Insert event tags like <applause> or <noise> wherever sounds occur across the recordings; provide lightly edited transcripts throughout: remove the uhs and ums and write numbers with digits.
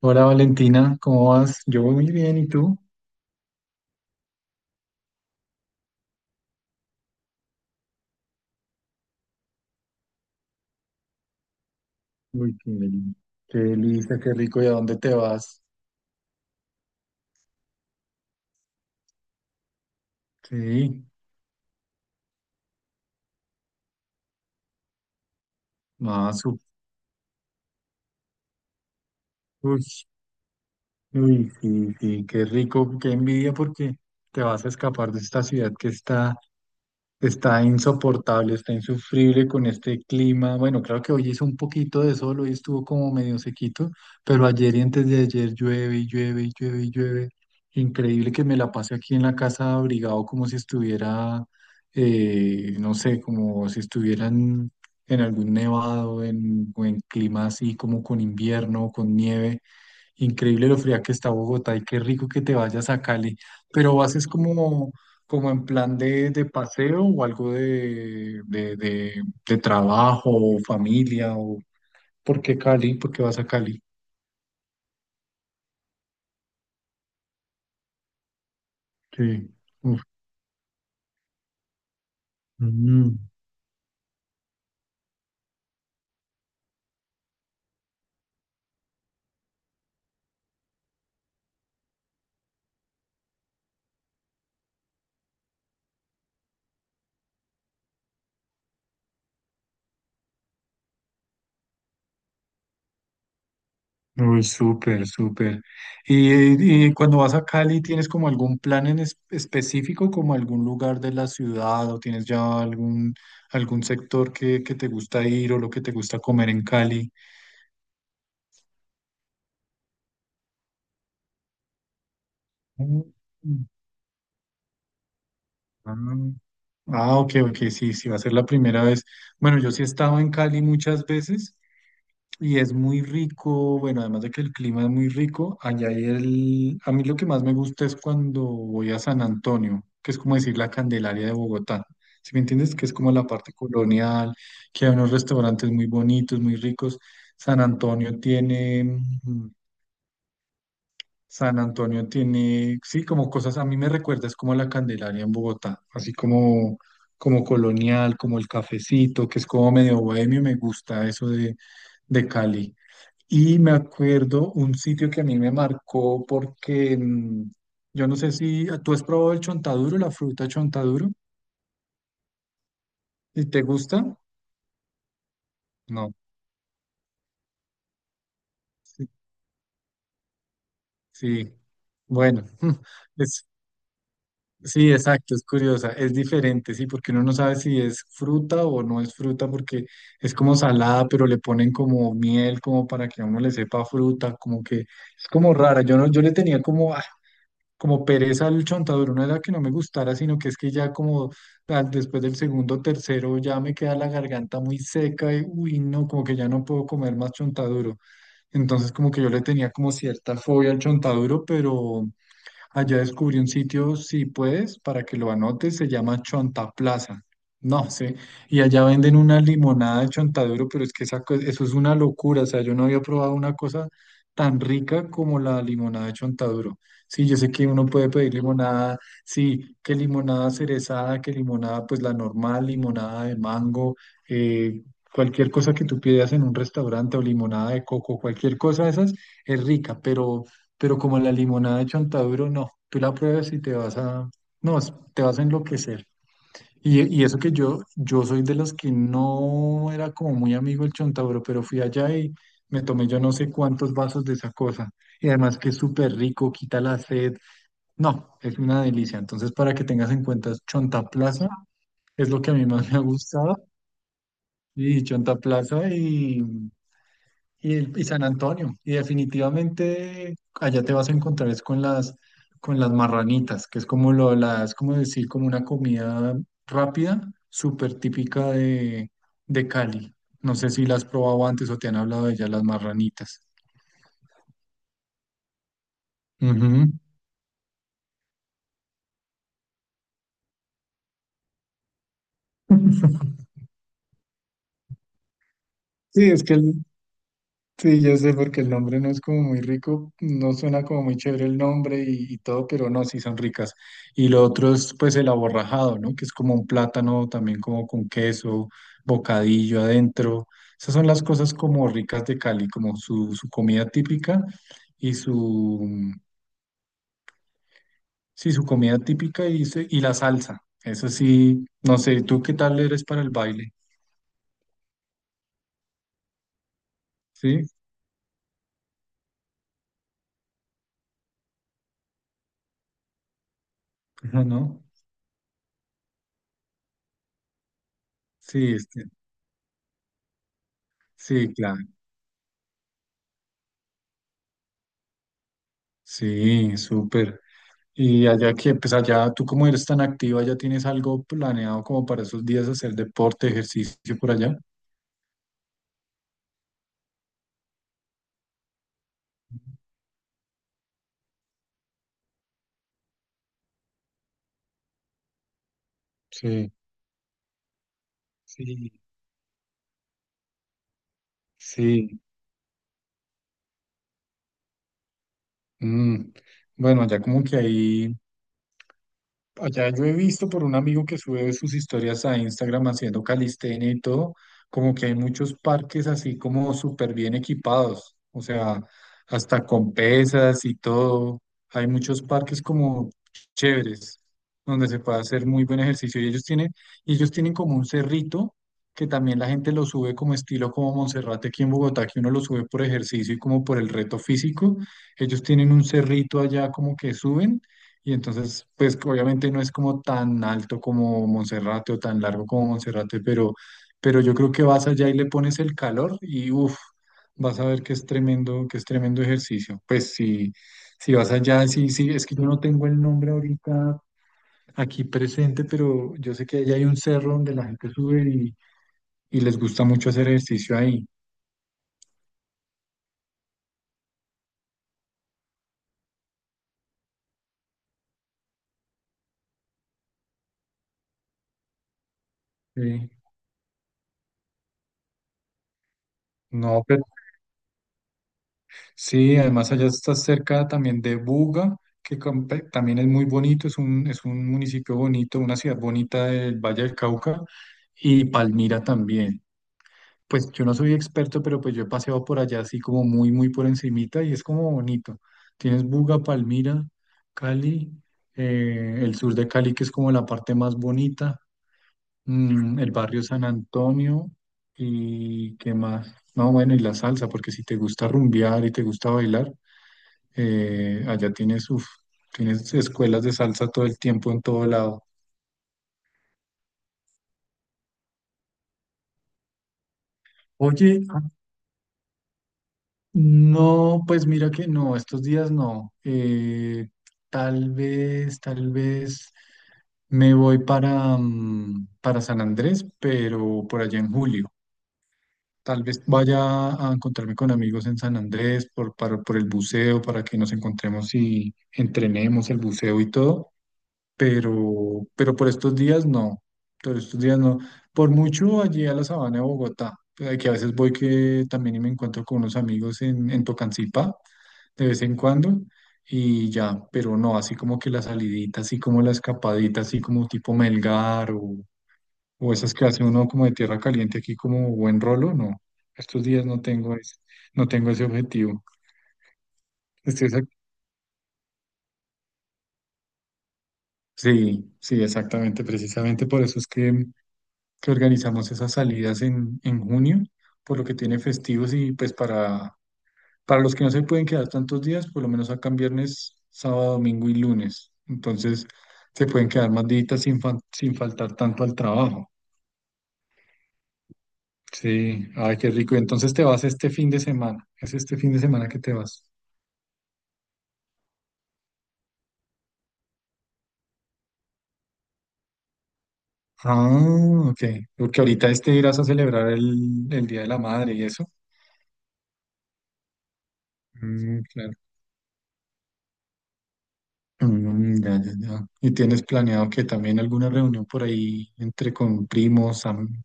Hola Valentina, ¿cómo vas? Yo voy muy bien, ¿y tú? Uy, qué delicia, qué rico, ¿y a dónde te vas? Sí, más, uy, uy, sí, sí, qué rico, qué envidia porque te vas a escapar de esta ciudad que está insoportable, está insufrible con este clima. Bueno, claro que hoy hizo un poquito de sol, hoy estuvo como medio sequito, pero ayer y antes de ayer llueve y llueve y llueve y llueve. Increíble que me la pase aquí en la casa abrigado como si estuviera, no sé, como si estuvieran en en algún nevado en, o en clima así como con invierno, con nieve. Increíble lo fría que está Bogotá y qué rico que te vayas a Cali. Pero ¿vas es como, como en plan de paseo o algo de trabajo o familia? O, ¿por qué Cali? ¿Por qué vas a Cali? Sí. Uf. Mm. Uy, súper, súper. Y cuando vas a Cali, ¿tienes como algún plan específico, como algún lugar de la ciudad o tienes ya algún, algún sector que te gusta ir o lo que te gusta comer en Cali? Mm. Ah, ah, ok, ok, sí, sí, va a ser la primera vez. Bueno, yo sí he estado en Cali muchas veces y es muy rico, bueno, además de que el clima es muy rico, allá hay el... A mí lo que más me gusta es cuando voy a San Antonio, que es como decir la Candelaria de Bogotá. ¿Sí me entiendes? Que es como la parte colonial, que hay unos restaurantes muy bonitos, muy ricos. San Antonio tiene... mm, San Antonio tiene, sí, como cosas, a mí me recuerda, es como la Candelaria en Bogotá, así como, como colonial, como el cafecito, que es como medio bohemio, me gusta eso de Cali. Y me acuerdo un sitio que a mí me marcó porque yo no sé si tú has probado el chontaduro, la fruta chontaduro, y te gusta, no, sí, sí. Bueno, <laughs> es, Sí, exacto, es curiosa, es diferente, sí, porque uno no sabe si es fruta o no es fruta, porque es como salada, pero le ponen como miel, como para que a uno le sepa fruta, como que es como rara. Yo no, yo le tenía como, como pereza al chontaduro, no era que no me gustara, sino que es que ya como después del segundo, tercero, ya me queda la garganta muy seca y uy, no, como que ya no puedo comer más chontaduro. Entonces, como que yo le tenía como cierta fobia al chontaduro, pero. Allá descubrí un sitio, si puedes, para que lo anotes, se llama Chonta Plaza. No sé, y allá venden una limonada de chontaduro, pero es que esa, eso es una locura, o sea, yo no había probado una cosa tan rica como la limonada de chontaduro. Sí, yo sé que uno puede pedir limonada, sí, que limonada cerezada, que limonada, pues la normal, limonada de mango, eh, cualquier cosa que tú pidas en un restaurante o limonada de coco, cualquier cosa de esas es rica, pero como la limonada de Chontaduro, no, tú la pruebas y te vas a, no, te vas a enloquecer. Y eso que yo soy de los que no era como muy amigo el Chontaduro, pero fui allá y me tomé yo no sé cuántos vasos de esa cosa. Y además que es súper rico, quita la sed. No, es una delicia. Entonces, para que tengas en cuenta, Chonta Plaza es lo que a mí más me ha gustado. Y Chonta Plaza y San Antonio, y definitivamente allá te vas a encontrar es con las marranitas, que es como lo, la, es como decir, como una comida rápida, súper típica de Cali. No sé si la has probado antes o te han hablado de ellas, las marranitas. Ujú. <laughs> Sí, es que sí, yo sé, porque el nombre no es como muy rico, no suena como muy chévere el nombre y todo, pero no, sí son ricas. Y lo otro es pues el aborrajado, ¿no? Que es como un plátano también como con queso, bocadillo adentro. Esas son las cosas como ricas de Cali, como su comida típica y su, sí, su comida típica y la salsa. Eso sí, no sé, ¿tú qué tal eres para el baile? ¿Sí? <laughs> ¿No? Sí, este, sí, claro. Sí, súper. Y allá que, pues allá tú como eres tan activa, ya tienes algo planeado como para esos días hacer deporte, ejercicio por allá. Sí, sí, sí. Mm, bueno, allá como que ahí. Allá yo he visto por un amigo que sube sus historias a Instagram haciendo calistenia y todo, como que hay muchos parques así como súper bien equipados, o sea, hasta con pesas y todo. Hay muchos parques como chéveres, donde se puede hacer muy buen ejercicio. Y ellos tienen como un cerrito que también la gente lo sube como estilo como Monserrate aquí en Bogotá, que uno lo sube por ejercicio y como por el reto físico. Ellos tienen un cerrito allá como que suben. Y entonces, pues obviamente no es como tan alto como Monserrate o tan largo como Monserrate, pero yo creo que vas allá y le pones el calor y uff, vas a ver que es tremendo ejercicio. Pues si, si vas allá, sí, sí, es que yo no tengo el nombre ahorita aquí presente, pero yo sé que allá hay un cerro donde la gente sube y les gusta mucho hacer ejercicio ahí. Sí. No, sí, además allá está cerca también de Buga, también es muy bonito, es un municipio bonito, una ciudad bonita del Valle del Cauca y Palmira también. Pues yo no soy experto, pero pues yo he paseado por allá así como muy, muy por encimita y es como bonito. Tienes Buga, Palmira, Cali, el sur de Cali que es como la parte más bonita, el barrio San Antonio y qué más. No, bueno, y la salsa, porque si te gusta rumbear y te gusta bailar. Allá tienes, uf, tienes escuelas de salsa todo el tiempo en todo lado. Oye, no, pues mira que no, estos días no. Tal vez me voy para, para San Andrés, pero por allá en julio. Tal vez vaya a encontrarme con amigos en San Andrés por, para, por el buceo, para que nos encontremos y entrenemos el buceo y todo. Pero por estos días no, por estos días no. Por mucho allí a la sabana de Bogotá, que a veces voy que también y me encuentro con unos amigos en Tocancipá de vez en cuando y ya, pero no, así como que la salidita, así como la escapadita, así como tipo Melgar o esas que hace uno como de tierra caliente aquí como buen rolo, no. Estos días no tengo ese, no tengo ese objetivo. Estoy, exac- sí, sí, exactamente, precisamente por eso es que organizamos esas salidas en junio, por lo que tiene festivos y pues para los que no se pueden quedar tantos días, por lo menos sacan viernes, sábado, domingo y lunes. Entonces se pueden quedar más días sin, sin faltar tanto al trabajo. Sí, ay, qué rico. Y entonces te vas este fin de semana. Es este fin de semana que te vas. Ah, ok. Porque ahorita este irás a celebrar el Día de la Madre y eso. Mm, claro. Mm, ya, ya, ya. ¿Y tienes planeado que también alguna reunión por ahí entre con primos, am-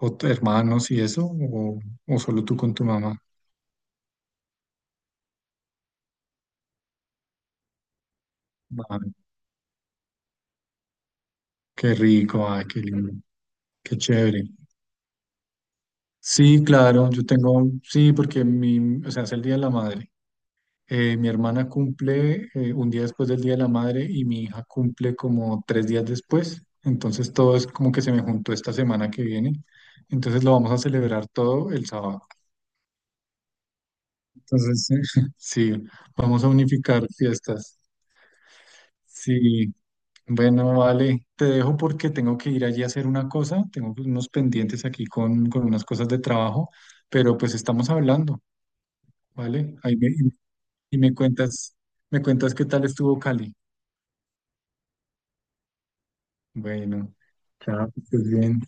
o t- hermanos y eso? O solo tú con tu mamá? Ah, qué rico, ay, qué lindo, qué chévere. Sí, claro, yo tengo, sí, porque mi, o sea, es el Día de la Madre. Mi hermana cumple un día después del Día de la Madre y mi hija cumple como tres días después. Entonces todo es como que se me juntó esta semana que viene. Entonces lo vamos a celebrar todo el sábado. Entonces, <laughs> sí, vamos a unificar fiestas. Sí, bueno, vale, te dejo porque tengo que ir allí a hacer una cosa, tengo unos pendientes aquí con unas cosas de trabajo, pero pues estamos hablando, ¿vale? Ahí me, y me cuentas qué tal estuvo Cali. Bueno, chao, que estés bien.